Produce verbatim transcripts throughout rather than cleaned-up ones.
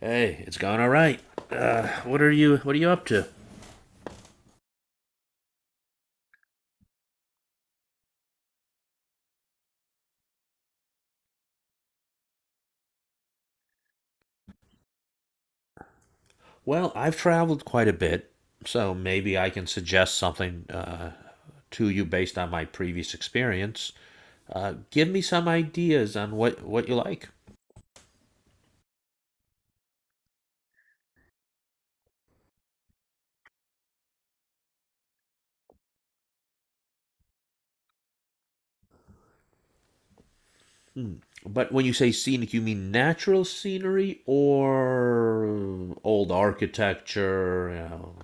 Hey, it's going all right. Uh, what are you What are you up to? Well, I've traveled quite a bit, so maybe I can suggest something uh, to you based on my previous experience. Uh, give me some ideas on what what you like. Hmm. But when you say scenic, you mean natural scenery or old architecture? You know?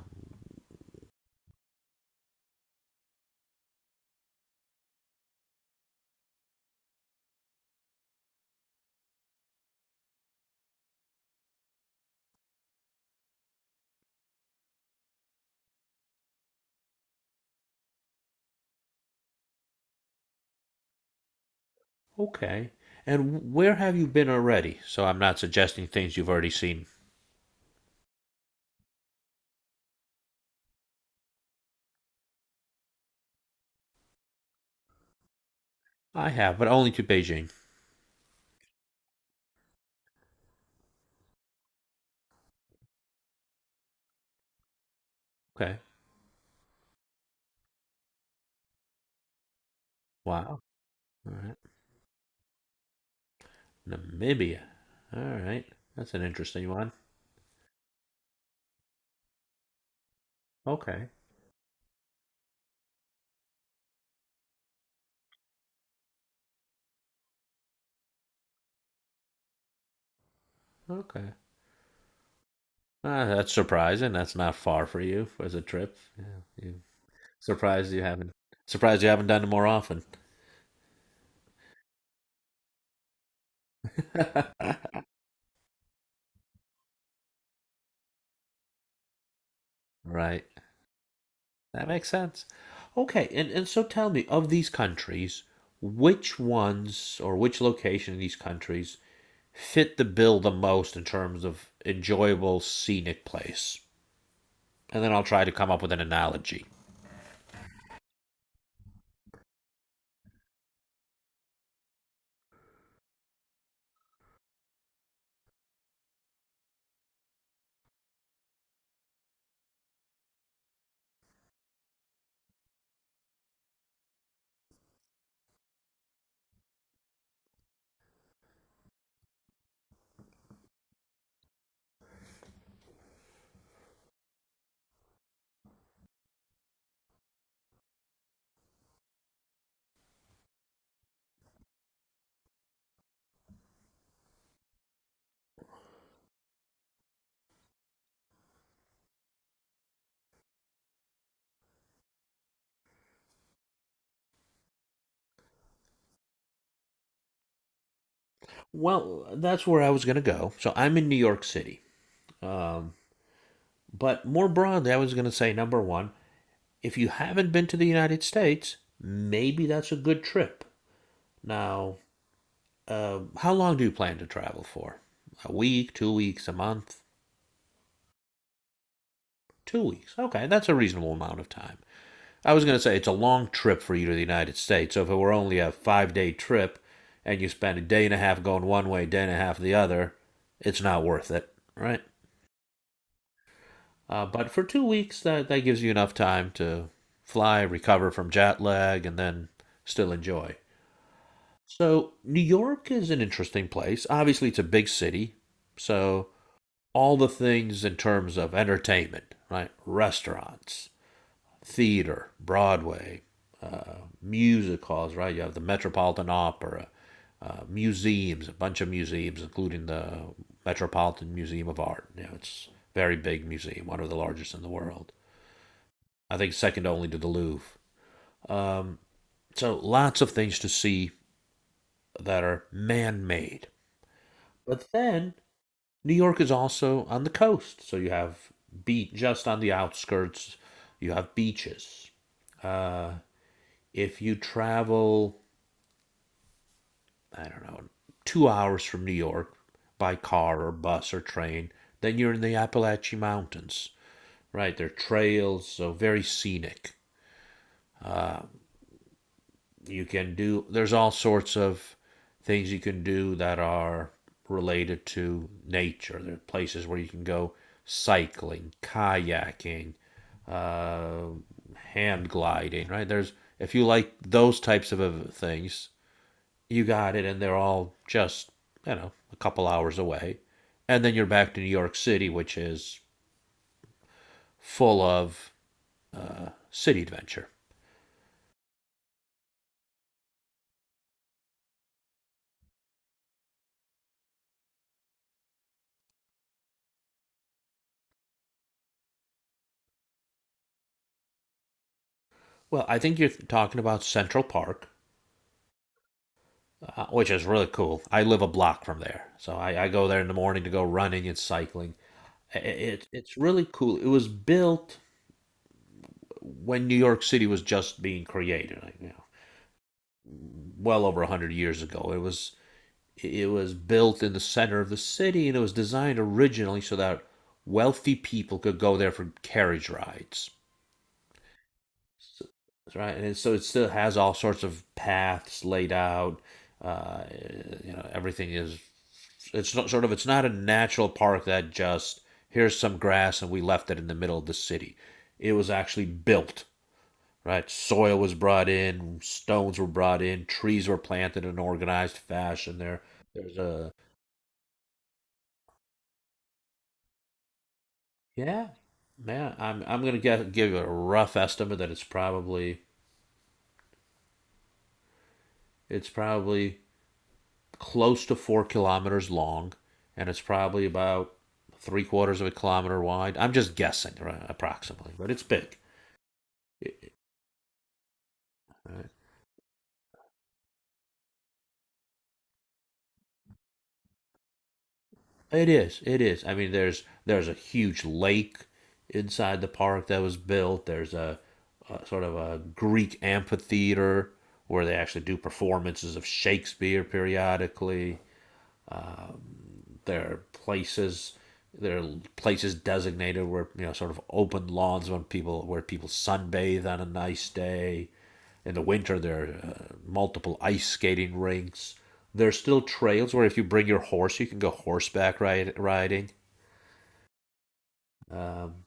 Okay. And where have you been already? So I'm not suggesting things you've already seen. I have, but only to Beijing. Okay. Wow. All right. Namibia. All right. That's an interesting one. Okay. Okay. Ah, that's surprising. That's not far for you as a trip. Yeah, you surprised you haven't surprised you haven't done it more often. Right. That makes sense. Okay, and, and so tell me, of these countries, which ones or which location in these countries fit the bill the most in terms of enjoyable scenic place? And then I'll try to come up with an analogy. Well, that's where I was going to go. So I'm in New York City. Um, but more broadly, I was going to say number one, if you haven't been to the United States, maybe that's a good trip. Now, uh, how long do you plan to travel for? A week, two weeks, a month? Two weeks. Okay, that's a reasonable amount of time. I was going to say it's a long trip for you to the United States. So if it were only a five day trip and you spend a day and a half going one way, day and a half the other, it's not worth it, right? Uh, but for two weeks, that, that gives you enough time to fly, recover from jet lag, and then still enjoy. So, New York is an interesting place. Obviously, it's a big city. So, all the things in terms of entertainment, right? Restaurants, theater, Broadway, uh, music halls, right? You have the Metropolitan Opera, uh, museums, a bunch of museums, including the Metropolitan Museum of Art. You know, it's a very big museum, one of the largest in the world. I think second only to the Louvre. Um, so lots of things to see that are man made. But then New York is also on the coast. So you have beach just on the outskirts, you have beaches. Uh, if you travel, I don't know, two hours from New York by car or bus or train, then you're in the Appalachian Mountains. Right, there are trails, so very scenic. You can do There's all sorts of things you can do that are related to nature. There are places where you can go cycling, kayaking, uh, hand gliding, right? there's If you like those types of uh, things, you got it, and they're all just you know a couple hours away, and then you're back to New York City, which is full of uh, city adventure. Well, I think you're talking about Central Park, uh, which is really cool. I live a block from there, so I, I go there in the morning to go running and cycling. I- It, it's really cool. It was built when New York City was just being created, like, you know, well over a hundred years ago. It was it was built in the center of the city, and it was designed originally so that wealthy people could go there for carriage rides. So, right, and so it still has all sorts of paths laid out. Uh, you know, everything is it's not sort of it's not a natural park that just here's some grass and we left it in the middle of the city. It was actually built, right? Soil was brought in, stones were brought in, trees were planted in an organized fashion there. There's a Yeah, man, I'm I'm going to get give you a rough estimate that it's probably it's probably close to four kilometers long and it's probably about three quarters of a kilometer wide. I'm just guessing, right, approximately, but it's big. It- right? It is. It is. I mean, there's there's a huge lake inside the park that was built. There's a, a sort of a Greek amphitheater where they actually do performances of Shakespeare periodically. There are places there are places designated where you know sort of open lawns when people where people sunbathe on a nice day. In the winter, there are uh, multiple ice skating rinks. There's still trails where if you bring your horse, you can go horseback ride, riding. Um,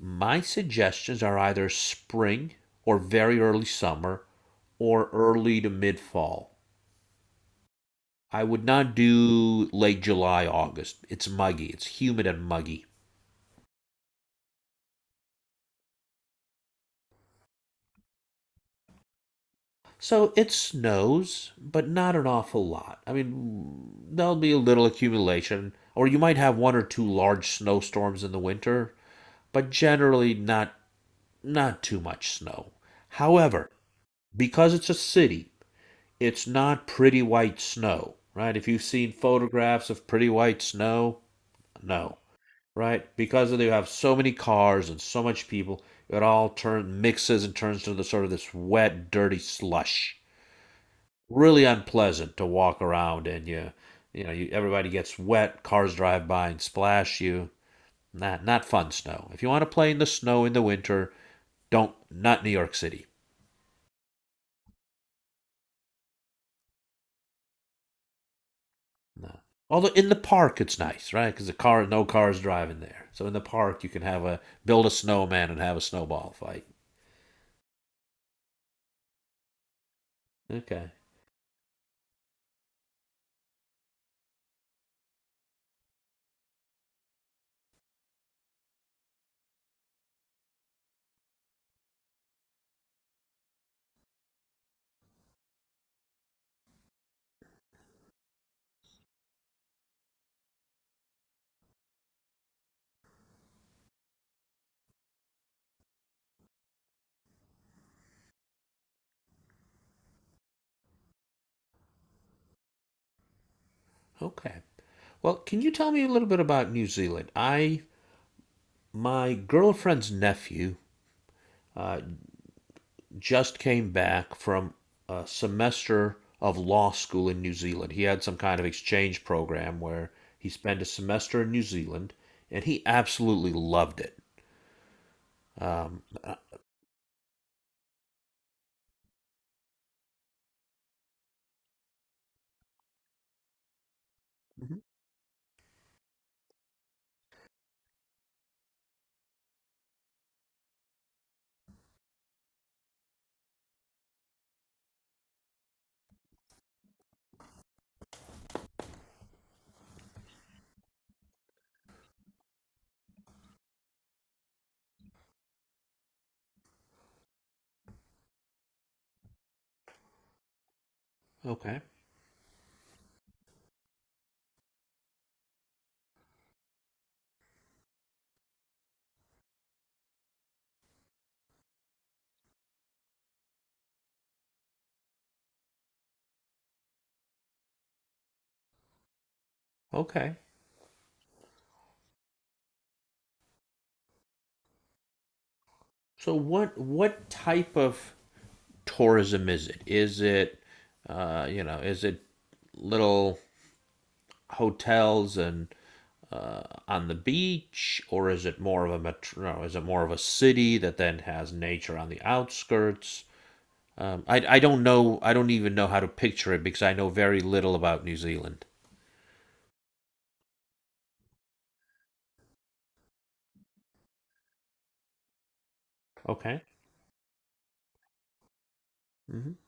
My suggestions are either spring or very early summer or early to mid fall. I would not do late July, August. It's muggy, it's humid and muggy. So it snows, but not an awful lot. I mean, there'll be a little accumulation, or you might have one or two large snowstorms in the winter, but generally not not too much snow. However, because it's a city, it's not pretty white snow, right? If you've seen photographs of pretty white snow, no, right? Because they have so many cars and so much people, it all turn mixes and turns to the sort of this wet, dirty slush. Really unpleasant to walk around, and you, you know, you, everybody gets wet. Cars drive by and splash you. Not not fun snow. If you want to play in the snow in the winter, don't not New York City. No. Although in the park it's nice, right? Because the car, no cars driving there. So in the park you can have a build a snowman and have a snowball fight. Okay, okay. Well, can you tell me a little bit about New Zealand? I My girlfriend's nephew uh, just came back from a semester of law school in New Zealand. He had some kind of exchange program where he spent a semester in New Zealand, and he absolutely loved it. Um, Mhm. Okay, okay. So what what type of tourism is it? Is it uh, you know is it little hotels and uh, on the beach, or is it more of a metro? No, is it more of a city that then has nature on the outskirts? Um, I I don't know. I don't even know how to picture it because I know very little about New Zealand. Okay. Hmm.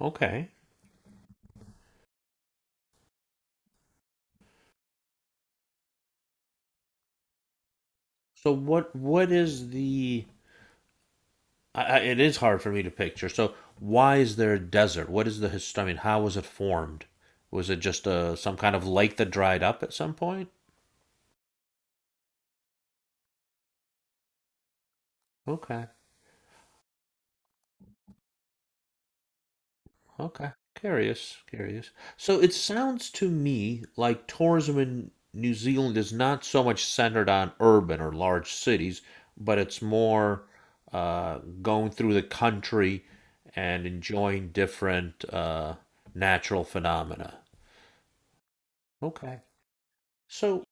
Okay. So what what is the I, I, it is hard for me to picture. So why is there a desert? What is the history? I mean, how was it formed? Was it just a some kind of lake that dried up at some point? Okay, okay. Curious, curious. So it sounds to me like tourism in New Zealand is not so much centered on urban or large cities, but it's more uh, going through the country and enjoying different uh, natural phenomena. Okay. So,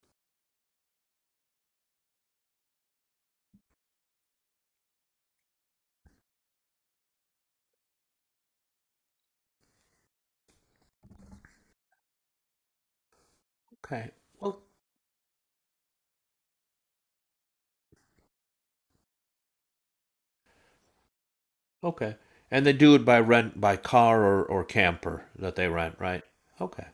okay. Well, okay. And they do it by rent, by car or, or camper that they rent, right? Okay.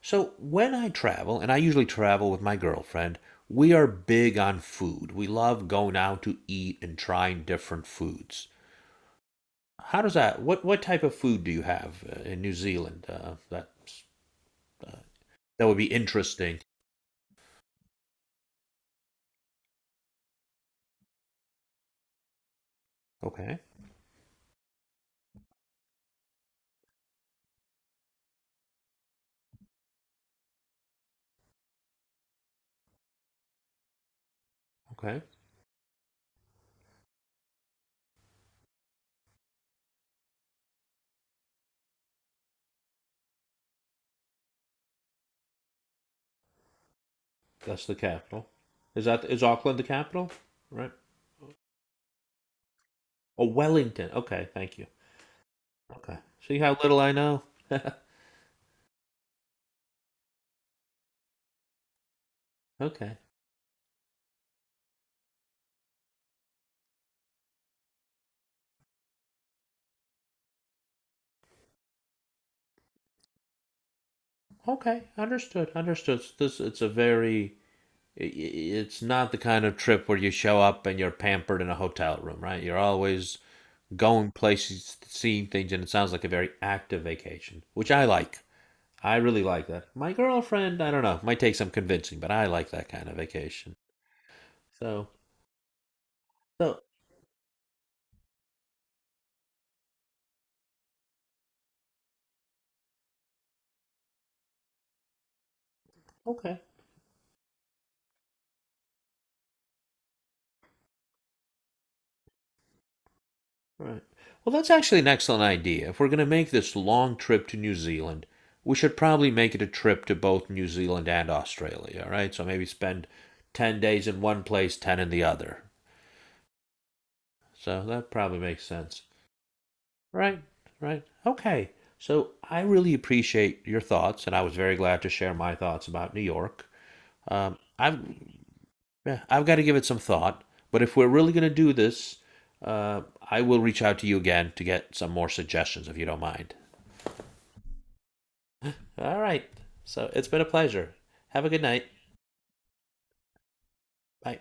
So when I travel, and I usually travel with my girlfriend, we are big on food. We love going out to eat and trying different foods. How does that, what, what type of food do you have uh, in New Zealand uh, that's, uh, that would be interesting? Okay. Okay. That's the capital. Is that, is Auckland the capital? Right. Oh, Wellington. Okay. Thank you. Okay. See how little I know? Okay. Okay, understood, understood. So this it's a very I- I- it's not the kind of trip where you show up and you're pampered in a hotel room, right? You're always going places, seeing things, and it sounds like a very active vacation, which I like. I really like that. My girlfriend, I don't know, might take some convincing, but I like that kind of vacation. So, so okay. Right. Well, that's actually an excellent idea. If we're going to make this long trip to New Zealand, we should probably make it a trip to both New Zealand and Australia. All right. So maybe spend ten days in one place, ten in the other. So that probably makes sense. Right, right. Okay. So I really appreciate your thoughts, and I was very glad to share my thoughts about New York. Um, I've Yeah, I've got to give it some thought, but if we're really going to do this, uh, I will reach out to you again to get some more suggestions if you don't mind. All right. So it's been a pleasure. Have a good night. Bye.